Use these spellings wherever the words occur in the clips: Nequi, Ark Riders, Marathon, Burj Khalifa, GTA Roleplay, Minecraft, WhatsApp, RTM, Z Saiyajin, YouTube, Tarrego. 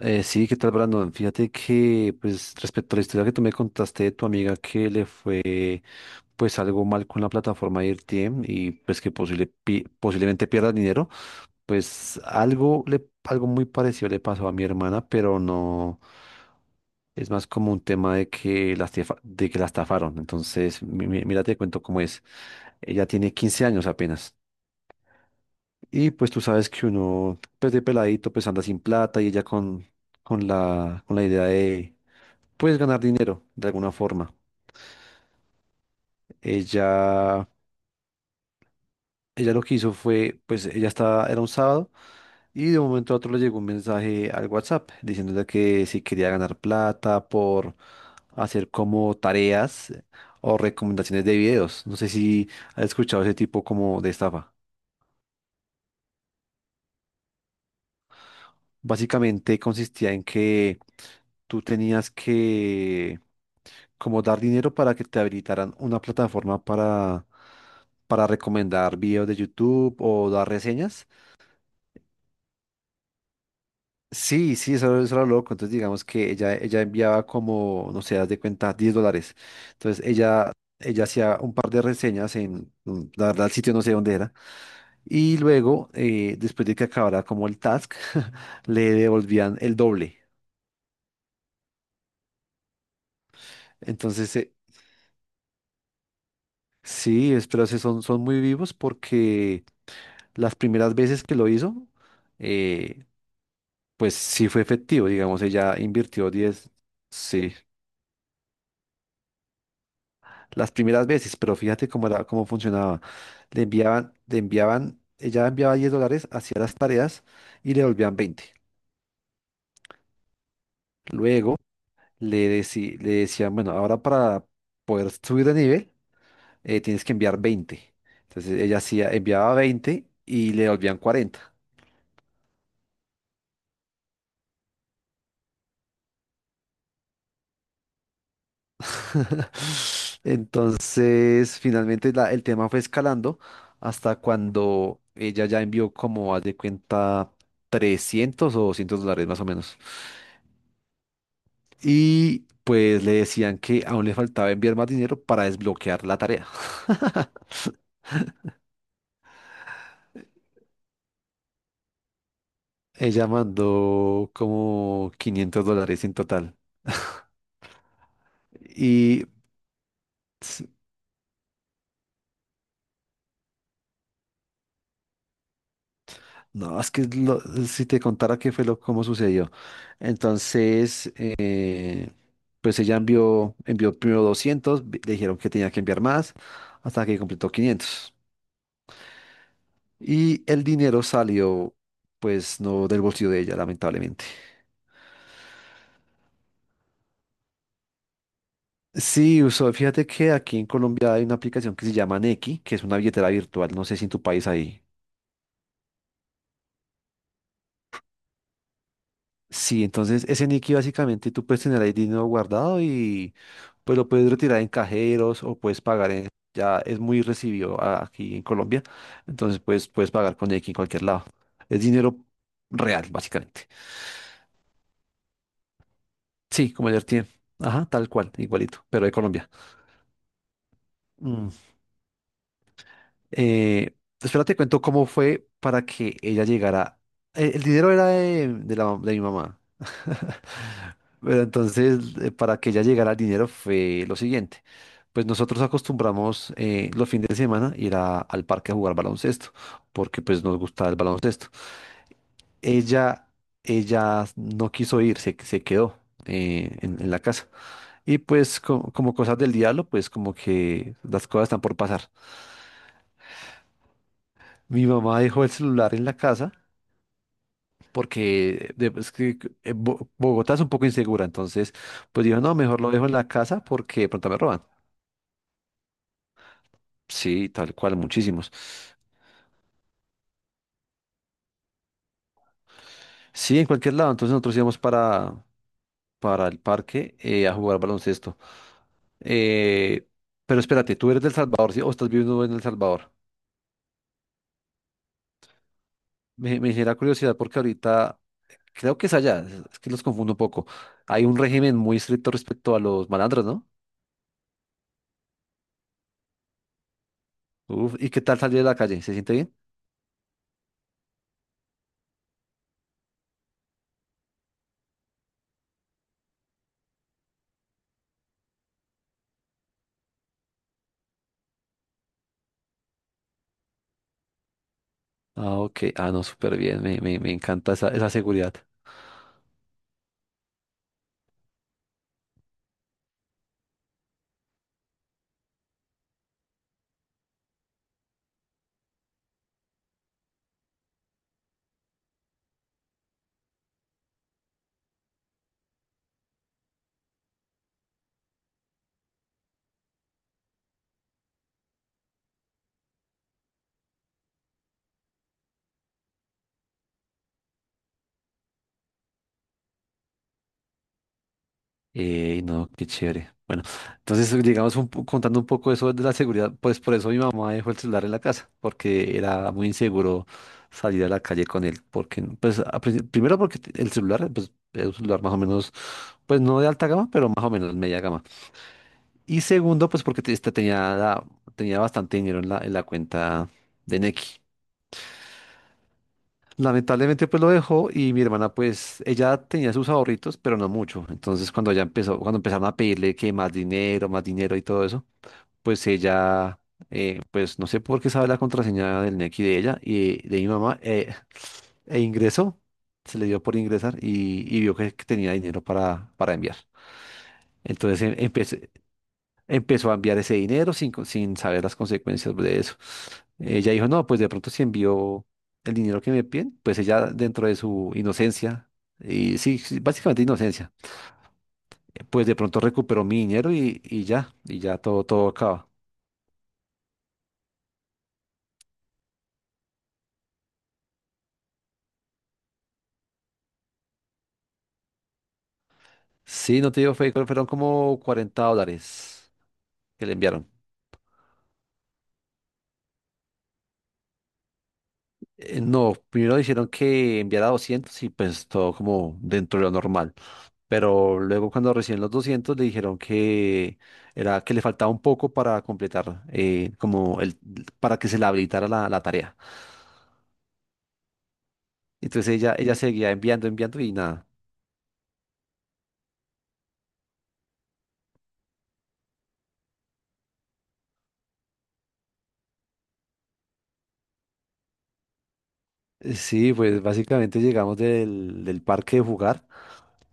Sí, ¿qué tal, Brandon? Fíjate que, pues, respecto a la historia que tú me contaste de tu amiga que le fue, pues, algo mal con la plataforma de RTM y, pues, que posiblemente pierda dinero, pues, algo muy parecido le pasó a mi hermana, pero no, es más como un tema de que de que la estafaron. Entonces, mira, te cuento cómo es. Ella tiene 15 años apenas. Y pues tú sabes que uno, pues de peladito, pues anda sin plata y ella con, con la idea de, pues ganar dinero de alguna forma. Ella, ella lo que hizo fue, pues era un sábado y de un momento a otro le llegó un mensaje al WhatsApp diciéndole que si quería ganar plata por hacer como tareas o recomendaciones de videos. No sé si has escuchado ese tipo como de estafa. Básicamente consistía en que tú tenías que como dar dinero para que te habilitaran una plataforma para recomendar videos de YouTube o dar reseñas. Sí, sí, eso era loco. Entonces digamos que ella enviaba como, no sé, haz de cuenta, $10. Entonces ella hacía un par de reseñas la verdad, el sitio no sé dónde era. Y luego, después de que acabara como el task, le devolvían el doble. Entonces, Sí, pero son muy vivos porque las primeras veces que lo hizo, eh, pues sí fue efectivo, digamos, ella invirtió 10, sí, las primeras veces, pero fíjate cómo era, cómo funcionaba. Ella enviaba $10, hacía las tareas y le volvían 20. Luego le decían, bueno, ahora para poder subir de nivel, tienes que enviar 20. Entonces enviaba 20 y le volvían 40. Entonces, finalmente el tema fue escalando hasta cuando ella ya envió como, haz de cuenta, 300 o $200 más o menos. Y pues le decían que aún le faltaba enviar más dinero para desbloquear la tarea. Ella mandó como $500 en total. Y no, es que si te contara qué fue cómo sucedió. Entonces, pues ella envió primero 200, le dijeron que tenía que enviar más, hasta que completó 500. Y el dinero salió, pues, no del bolsillo de ella, lamentablemente. Sí, usó, fíjate que aquí en Colombia hay una aplicación que se llama Nequi, que es una billetera virtual. No sé si en tu país hay. Sí, entonces ese Nicky básicamente tú puedes tener ahí dinero guardado y pues lo puedes retirar en cajeros o puedes pagar en... Ya es muy recibido aquí en Colombia, entonces puedes pagar con Nicky en cualquier lado. Es dinero real, básicamente. Sí, como el tiene. Ajá, tal cual, igualito, pero de Colombia. Mm. Eh, Espérate, cuento cómo fue para que ella llegara. Dinero era de mi mamá. Pero entonces, para que ella llegara el dinero fue lo siguiente. Pues nosotros acostumbramos los fines de semana ir al parque a jugar baloncesto, porque pues nos gustaba el baloncesto. Ella, ella no quiso ir, se quedó en la casa. Y pues como cosas del diablo, pues como que las cosas están por pasar. Mi mamá dejó el celular en la casa. Porque es que Bogotá es un poco insegura, entonces pues dijo, no, mejor lo dejo en la casa porque de pronto me roban. Sí, tal cual, muchísimos. Sí, en cualquier lado. Entonces nosotros íbamos para el parque a jugar baloncesto. Eh, pero espérate, ¿tú eres del Salvador, sí? ¿O estás viviendo en El Salvador? Me genera curiosidad porque ahorita creo que es allá, es que los confundo un poco. Hay un régimen muy estricto respecto a los malandros, ¿no? Uf, ¿y qué tal salir de la calle? ¿Se siente bien? Ah, ok. Ah, no, súper bien. Me encanta esa seguridad. No, qué chévere. Bueno, entonces llegamos contando un poco eso de la seguridad, pues por eso mi mamá dejó el celular en la casa, porque era muy inseguro salir a la calle con él, porque pues primero porque el celular pues, es un celular más o menos, pues no de alta gama, pero más o menos media gama. Y segundo, pues porque este tenía bastante dinero en la cuenta de Nequi. Lamentablemente pues lo dejó y mi hermana pues ella tenía sus ahorritos, pero no mucho. Entonces cuando empezaron a pedirle que más dinero y todo eso, pues ella, pues no sé por qué sabe la contraseña del Nequi de ella y de mi mamá, e ingresó, se le dio por ingresar y vio que tenía dinero para enviar. Entonces empezó a enviar ese dinero sin saber las consecuencias de eso. Ella dijo, no, pues de pronto si envió el dinero que me piden, pues ella dentro de su inocencia, y sí, sí, básicamente inocencia, pues de pronto recuperó mi dinero y ya todo, acaba. Sí, no te digo, fueron como $40 que le enviaron. No, primero dijeron que enviara 200 y pues todo como dentro de lo normal. Pero luego cuando recién los 200 le dijeron que era que le faltaba un poco para completar, para que se le habilitara la tarea. Entonces ella seguía enviando y nada. Sí, pues básicamente llegamos del parque de jugar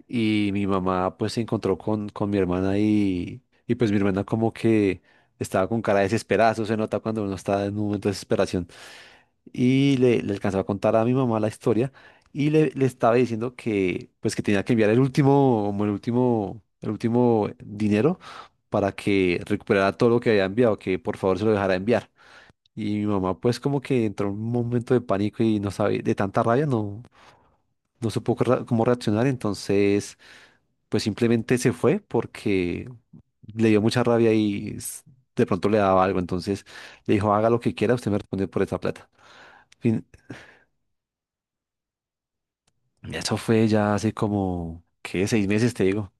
y mi mamá pues se encontró con mi hermana y pues mi hermana como que estaba con cara desesperada, eso se nota cuando uno está en un momento de desesperación. Y le alcanzaba a contar a mi mamá la historia y le estaba diciendo que pues que tenía que enviar el último como el último dinero para que recuperara todo lo que había enviado, que por favor se lo dejara enviar. Y mi mamá pues como que entró en un momento de pánico y no sabía, de tanta rabia no supo cómo reaccionar, entonces pues simplemente se fue porque le dio mucha rabia y de pronto le daba algo, entonces le dijo, haga lo que quiera, usted me responde por esa plata. Eso fue ya hace como, ¿qué? 6 meses, te digo.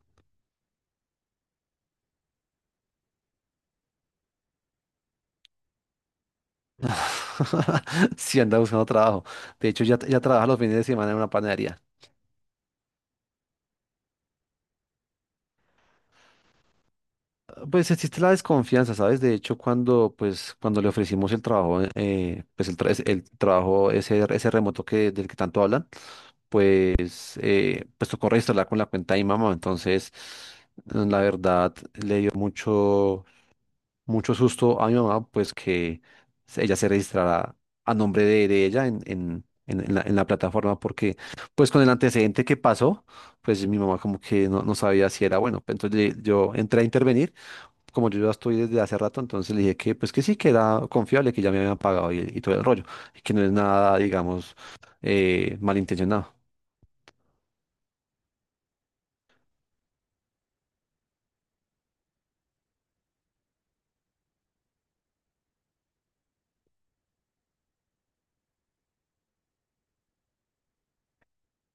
Sí, andaba buscando trabajo. De hecho, ya trabaja los fines de semana en una panadería. Pues existe la desconfianza, ¿sabes? De hecho, cuando le ofrecimos el trabajo, pues el trabajo ese, remoto del que tanto hablan, pues, pues tocó registrarla con la cuenta de mi mamá. Entonces, la verdad, le dio mucho mucho susto a mi mamá, pues que ella se registrara a nombre de ella en la plataforma, porque pues con el antecedente que pasó, pues mi mamá como que no sabía si era bueno. Entonces yo entré a intervenir, como yo ya estoy desde hace rato, entonces le dije que pues que sí, que era confiable, que ya me habían pagado y todo el rollo, y que no es nada, digamos, malintencionado.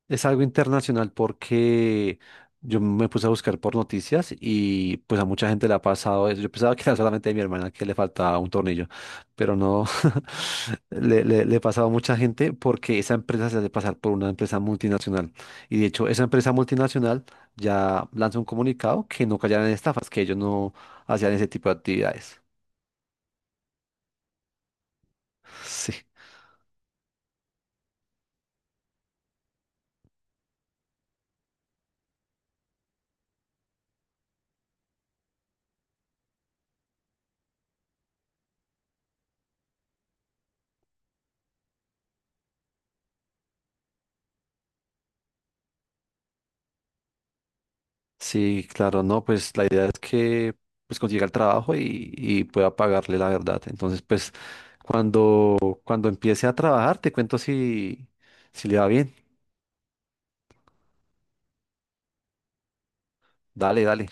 Es algo internacional porque yo me puse a buscar por noticias y pues a mucha gente le ha pasado eso. Yo pensaba que era solamente a mi hermana que le faltaba un tornillo, pero no, le ha pasado a mucha gente porque esa empresa se hace pasar por una empresa multinacional. Y de hecho, esa empresa multinacional ya lanza un comunicado que no cayeran en estafas, que ellos no hacían ese tipo de actividades. Sí. Sí, claro, no, pues la idea es que pues consiga el trabajo y pueda pagarle la verdad. Entonces, pues cuando, cuando empiece a trabajar, te cuento si le va bien. Dale, dale.